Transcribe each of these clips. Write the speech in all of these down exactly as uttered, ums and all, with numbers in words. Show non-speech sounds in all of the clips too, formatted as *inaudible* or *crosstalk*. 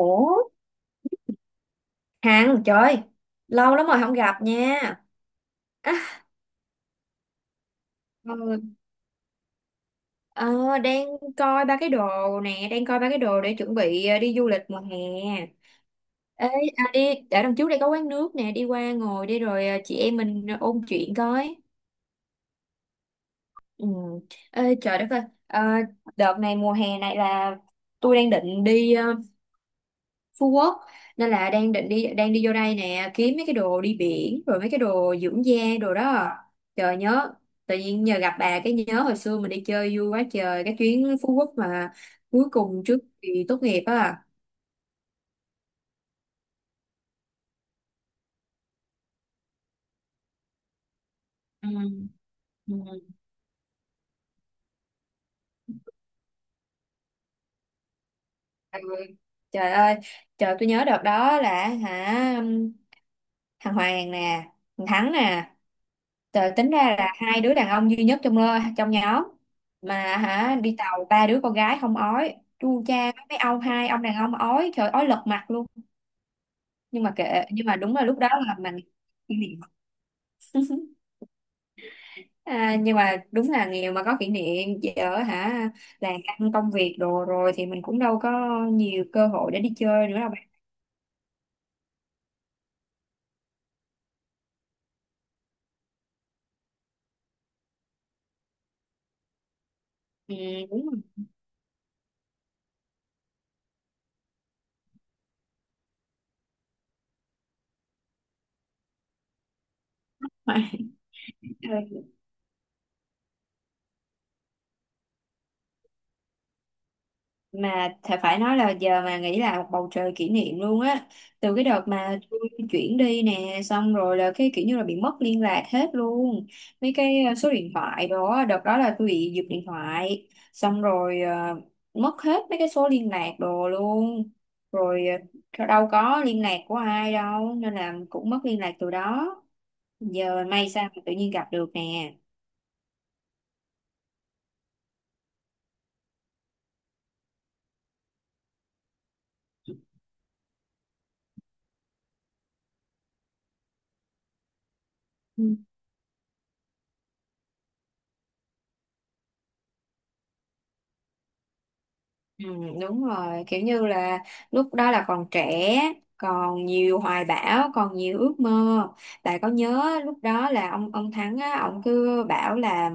Ủa, Hằng trời, lâu lắm rồi không gặp nha. à, ừ, ờ, Đang coi ba cái đồ nè, đang coi ba cái đồ để chuẩn bị ờ, đi du lịch mùa hè. Ê, à, đi ở đằng trước đây có quán nước nè, đi qua ngồi đi rồi ờ, chị em mình ôn chuyện coi. Ừ. Ê, trời đất ơi. Ờ, Đợt này, mùa hè này là tôi đang định đi ờ, Phú Quốc, nên là đang định đi, đang đi vô đây nè kiếm mấy cái đồ đi biển rồi mấy cái đồ dưỡng da, đồ đó. Trời nhớ, tự nhiên nhờ gặp bà cái nhớ hồi xưa mình đi chơi vui quá trời cái chuyến Phú Quốc mà cuối cùng trước kỳ tốt nghiệp á. Ừ. Ừ. Ừ. Trời ơi, trời tôi nhớ đợt đó là hả, thằng Hoàng nè, thằng Thắng nè. Tờ- tính ra là hai đứa đàn ông duy nhất trong trong nhóm, mà hả đi tàu ba đứa con gái không ói, chu cha, mấy mấy ông, hai ông đàn ông ói trời, ói lật mặt luôn. Nhưng mà kệ, nhưng mà đúng là lúc đó là mình kỷ niệm. *laughs* À, nhưng mà đúng là nghèo mà có kỷ niệm, ở hả. Làm ăn công việc đồ rồi thì mình cũng đâu có nhiều cơ hội để đi chơi nữa đâu bạn. Ừ, đúng rồi. *laughs* Mà thà phải nói là giờ mà nghĩ là một bầu trời kỷ niệm luôn á. Từ cái đợt mà tôi chuyển đi nè, xong rồi là cái kiểu như là bị mất liên lạc hết luôn mấy cái ờ, số điện thoại đó. Đợt đó là tôi bị giật điện thoại, xong rồi ờ, mất hết mấy cái số liên lạc đồ luôn rồi. Ờ, đâu có liên lạc của ai đâu nên là cũng mất liên lạc từ đó. Giờ may sao mà tự nhiên gặp được nè. Ừ, đúng rồi, kiểu như là lúc đó là còn trẻ, còn nhiều hoài bão, còn nhiều ước mơ. Tại có nhớ lúc đó là ông ông Thắng á, ông cứ bảo là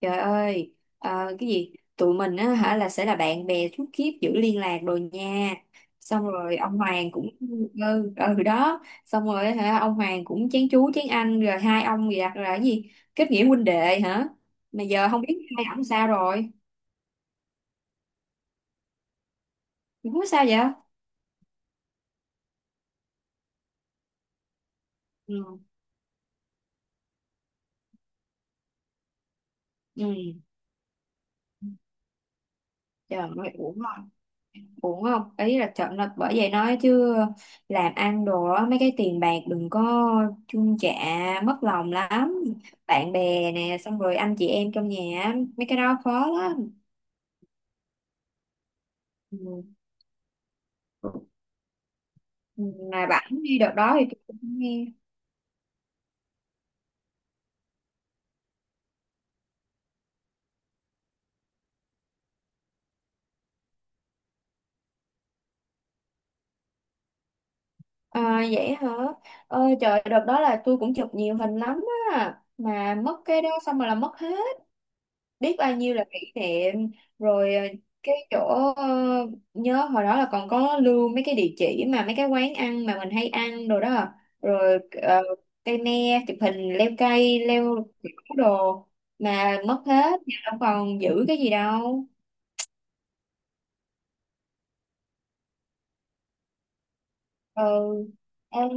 trời ơi, ờ, cái gì tụi mình á hả là sẽ là bạn bè suốt kiếp, giữ liên lạc rồi nha. Xong rồi ông Hoàng cũng, ừ, ừ đó, xong rồi hả ông Hoàng cũng chén chú chén anh rồi, hai ông gì đặt là cái gì kết nghĩa huynh đệ hả, mà giờ không biết hai ông sao rồi. Không sao vậy. Ừ. Ừ. Trời ơi, uổng không? Uổng không? Ý là trận là bởi vậy nói chứ làm ăn đồ á, mấy cái tiền bạc đừng có chung chạ, mất lòng lắm. Bạn bè nè, xong rồi anh chị em trong nhà á, mấy cái đó khó lắm. Ừ. Ừ, mà bạn đi đợt đó thì tôi cũng nghe. À, vậy hả? Ơi trời, đợt đó là tôi cũng chụp nhiều hình lắm á. Mà mất cái đó xong rồi là mất hết, biết bao nhiêu là kỷ niệm rồi. ờ, cái chỗ ờ, nhớ hồi đó là còn có lưu mấy cái địa chỉ mà mấy cái quán ăn mà mình hay ăn đồ đó rồi. ờ, Cây me chụp hình leo cây, leo kiểu đồ mà mất hết, giờ đâu còn giữ cái gì đâu. Ừ. Em.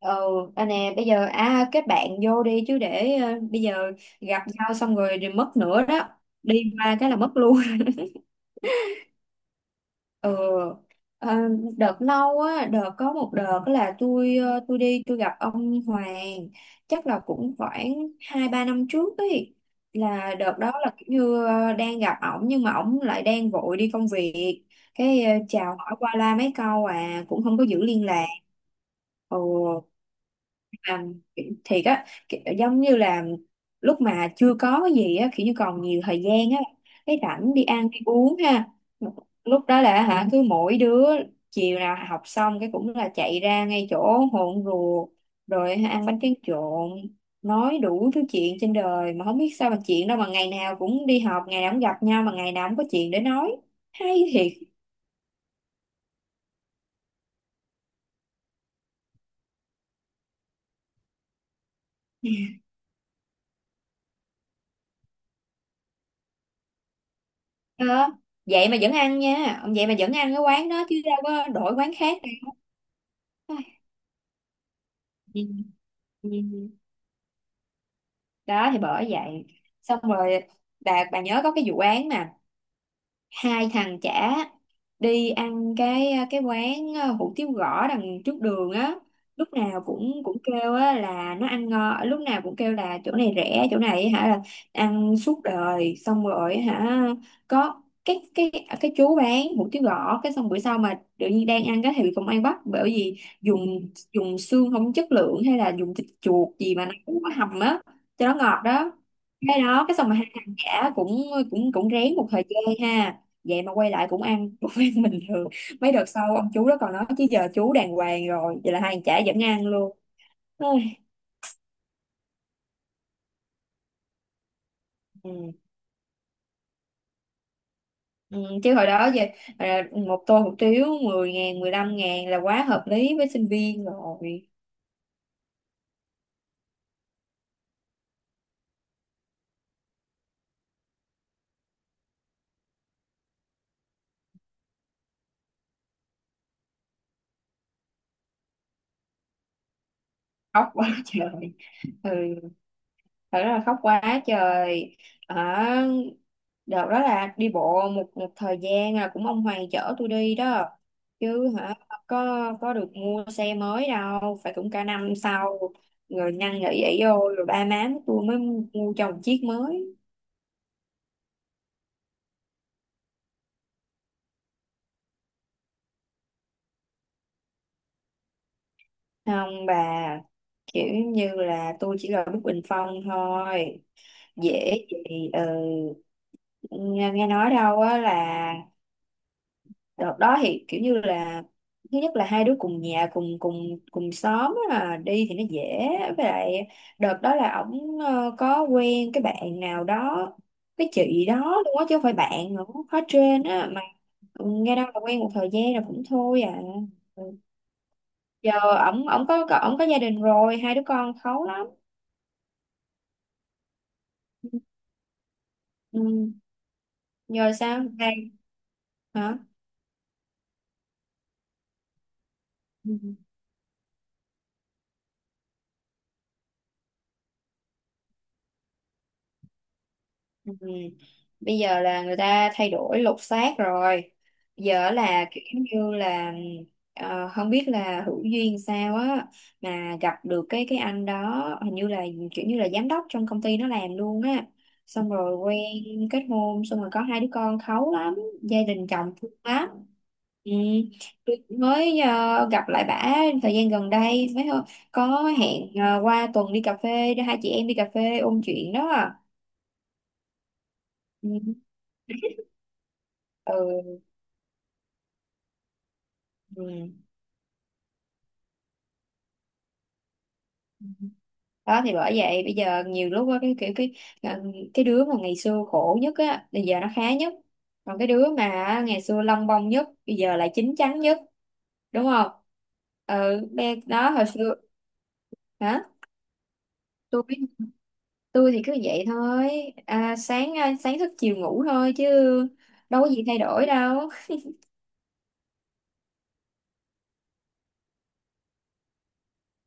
Ừ. À nè bây giờ à, kết bạn vô đi chứ, để ờ, bây giờ gặp nhau xong rồi thì mất nữa đó, đi qua cái là mất luôn. Ừ. Ờ, đợt lâu á, đợt có một đợt là tôi ờ, tôi đi tôi gặp ông Hoàng, chắc là cũng khoảng hai ba năm trước ấy, là đợt đó là kiểu như ờ, đang gặp ổng nhưng mà ổng lại đang vội đi công việc, cái ờ, chào hỏi qua la mấy câu à, cũng không có giữ liên lạc. Ừ. Mà thiệt á, kiểu giống như là lúc mà chưa có cái gì á, kiểu như còn nhiều thời gian á, cái rảnh đi ăn đi uống ha. Lúc đó là hả cứ mỗi đứa chiều nào học xong cái cũng là chạy ra ngay chỗ hồn ruột rồi hả, ăn bánh tráng trộn, nói đủ thứ chuyện trên đời mà không biết sao mà chuyện đâu mà ngày nào cũng đi học, ngày nào cũng gặp nhau mà ngày nào cũng có chuyện để nói, hay thiệt. Ờ, vậy mà vẫn ăn nha, vậy mà vẫn ăn cái quán đó chứ đâu có đổi quán khác đâu. Ai, ừ, ừ. *laughs* Đó thì bởi vậy. Xong rồi bà bà nhớ có cái vụ án mà hai thằng chả đi ăn cái cái quán ờ, hủ tiếu gõ đằng trước đường á, lúc nào cũng cũng kêu á là nó ăn ngon, lúc nào cũng kêu là chỗ này rẻ, chỗ này hả là ăn suốt đời. Xong rồi hả có cái cái cái chú bán hủ tiếu gõ, cái xong bữa sau mà tự nhiên đang ăn cái thì bị công an bắt bởi vì dùng dùng xương không chất lượng hay là dùng thịt chuột gì mà nó cũng có hầm á cho nó ngọt đó. Cái đó cái xong mà hai thằng chả cũng cũng cũng rén một thời gian ha, vậy mà quay lại cũng ăn *laughs* cũng ăn bình thường. Mấy đợt sau ông chú đó còn nói chứ giờ chú đàng hoàng rồi, vậy là hai thằng chả vẫn ăn luôn. Ôi, ừ. Ừ. Chứ hồi đó về à, một tô hủ tiếu mười ngàn mười lăm ngàn là quá hợp lý với sinh viên rồi. Khóc quá trời. Ừ. Thật rất là khóc quá trời. À, đợt đó là đi bộ một một thời gian, là cũng ông Hoàng chở tôi đi đó chứ hả, có có được mua xe mới đâu, phải cũng cả năm sau, người năn nỉ ỷ vô rồi ba má tôi mới mua cho một chiếc mới. Không bà, kiểu như là tôi chỉ là bức bình phong thôi, dễ gì. Ừ. nghe nghe nói đâu á là đợt đó thì kiểu như là thứ nhất là hai đứa cùng nhà cùng cùng cùng xóm á, à, đi thì nó dễ, với lại đợt đó là ổng ờ, có quen cái bạn nào đó, cái chị đó luôn á chứ không phải bạn nữa, khó trên á mà. Nghe đâu là quen một thời gian rồi cũng thôi à. Ừ. Giờ ổng ổng có có- ổng có gia đình rồi, hai đứa con khấu lắm. Ừ. Ừ, giờ sao đây. Hả. Ừ. Ừ. Bây giờ là người ta thay đổi lột xác rồi, giờ là kiểu như là ờ, không biết là hữu duyên sao á mà gặp được cái cái anh đó, hình như là kiểu như là giám đốc trong công ty nó làm luôn á, xong rồi quen, kết hôn, xong rồi có hai đứa con kháu lắm, gia đình chồng thương lắm. Ừ. Tôi mới ờ, gặp lại bả thời gian gần đây mới hơ- có hẹn ờ, qua tuần đi cà phê, hai chị em đi cà phê ôn chuyện đó à. Ừ. Ừ. Ừ. Đó thì bởi vậy bây giờ nhiều lúc á, cái kiểu cái ờ, cái đứa mà ngày xưa khổ nhất á bây giờ nó khá nhất, còn cái đứa mà ngày xưa lông bông nhất bây giờ lại chín chắn nhất, đúng không. Ừ. Be- đó hồi xưa. Hả. Tôi biết, tôi thì cứ vậy thôi, à, sáng à, sáng thức chiều ngủ thôi chứ đâu có gì thay đổi đâu.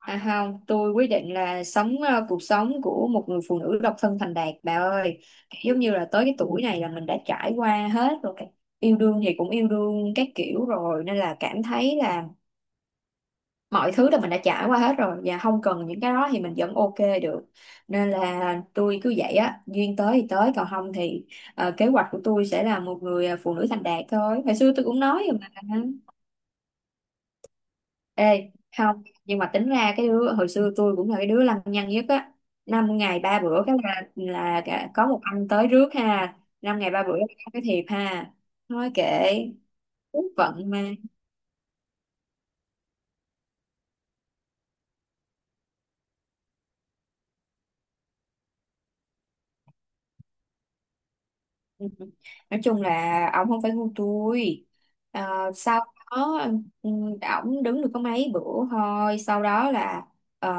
À không, tôi quyết định là sống ờ, cuộc sống của một người phụ nữ độc thân thành đạt bà ơi. Giống như là tới cái tuổi này là mình đã trải qua hết rồi. Cái- Yêu đương thì cũng yêu đương các kiểu rồi nên là cảm thấy là mọi thứ là mình đã trải qua hết rồi và không cần những cái đó thì mình vẫn ok được. Nên là tôi cứ vậy á, duyên tới thì tới, còn không thì ờ, kế hoạch của tôi sẽ là một người ờ, phụ nữ thành đạt thôi. Hồi xưa tôi cũng nói rồi mà. Ê, không, nhưng mà tính ra cái đứa hồi xưa tôi cũng là cái đứa lăng nhăng nhất á. Năm ngày ba bữa cái là là cả- có một anh tới rước ha. Năm ngày ba bữa cái thiệp ha. Nói kệ, số phận mà. *laughs* Ừ. Nói chung là ổng không phải ngu tôi. Ờ, sau đó ừ, ổng đứng được có mấy bữa thôi, sau đó là ờ,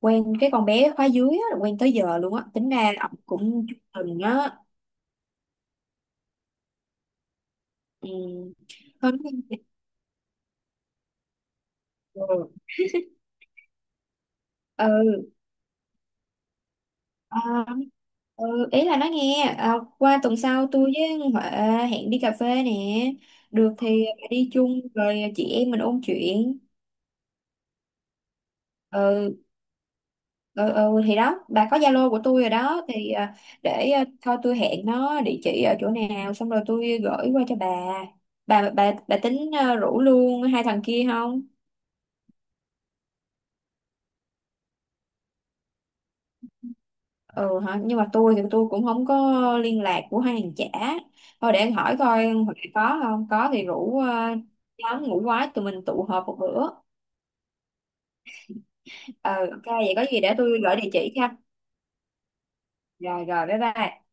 quen cái con bé khóa dưới á, là quen tới giờ luôn á. Tính ra ổng cũng chung tình á. Ừ. Hơn. Ừ. Ừ. Ờ, ừ, ý là nói nghe ờ, qua tuần sau tôi với Huệ hẹn đi cà phê nè, được thì bà đi chung rồi chị em mình ôn chuyện. Ừ, ừ, ừ thì đó bà có Zalo của tôi rồi đó thì ờ, để ờ, thôi tôi hẹn nó địa chỉ ở chỗ nào xong rồi tôi gửi qua cho bà. Bà bà bà tính ờ, rủ luôn hai thằng kia không. Ừ hả, nhưng mà tôi thì tôi cũng không có liên lạc của hai hàng chả. Thôi để anh hỏi coi hồi nãy, có không có thì rủ ờ, nhóm ngủ quái tụi mình tụ họp một bữa. Ờ ok vậy có gì để tôi gửi địa chỉ cho. Rồi rồi bye bye.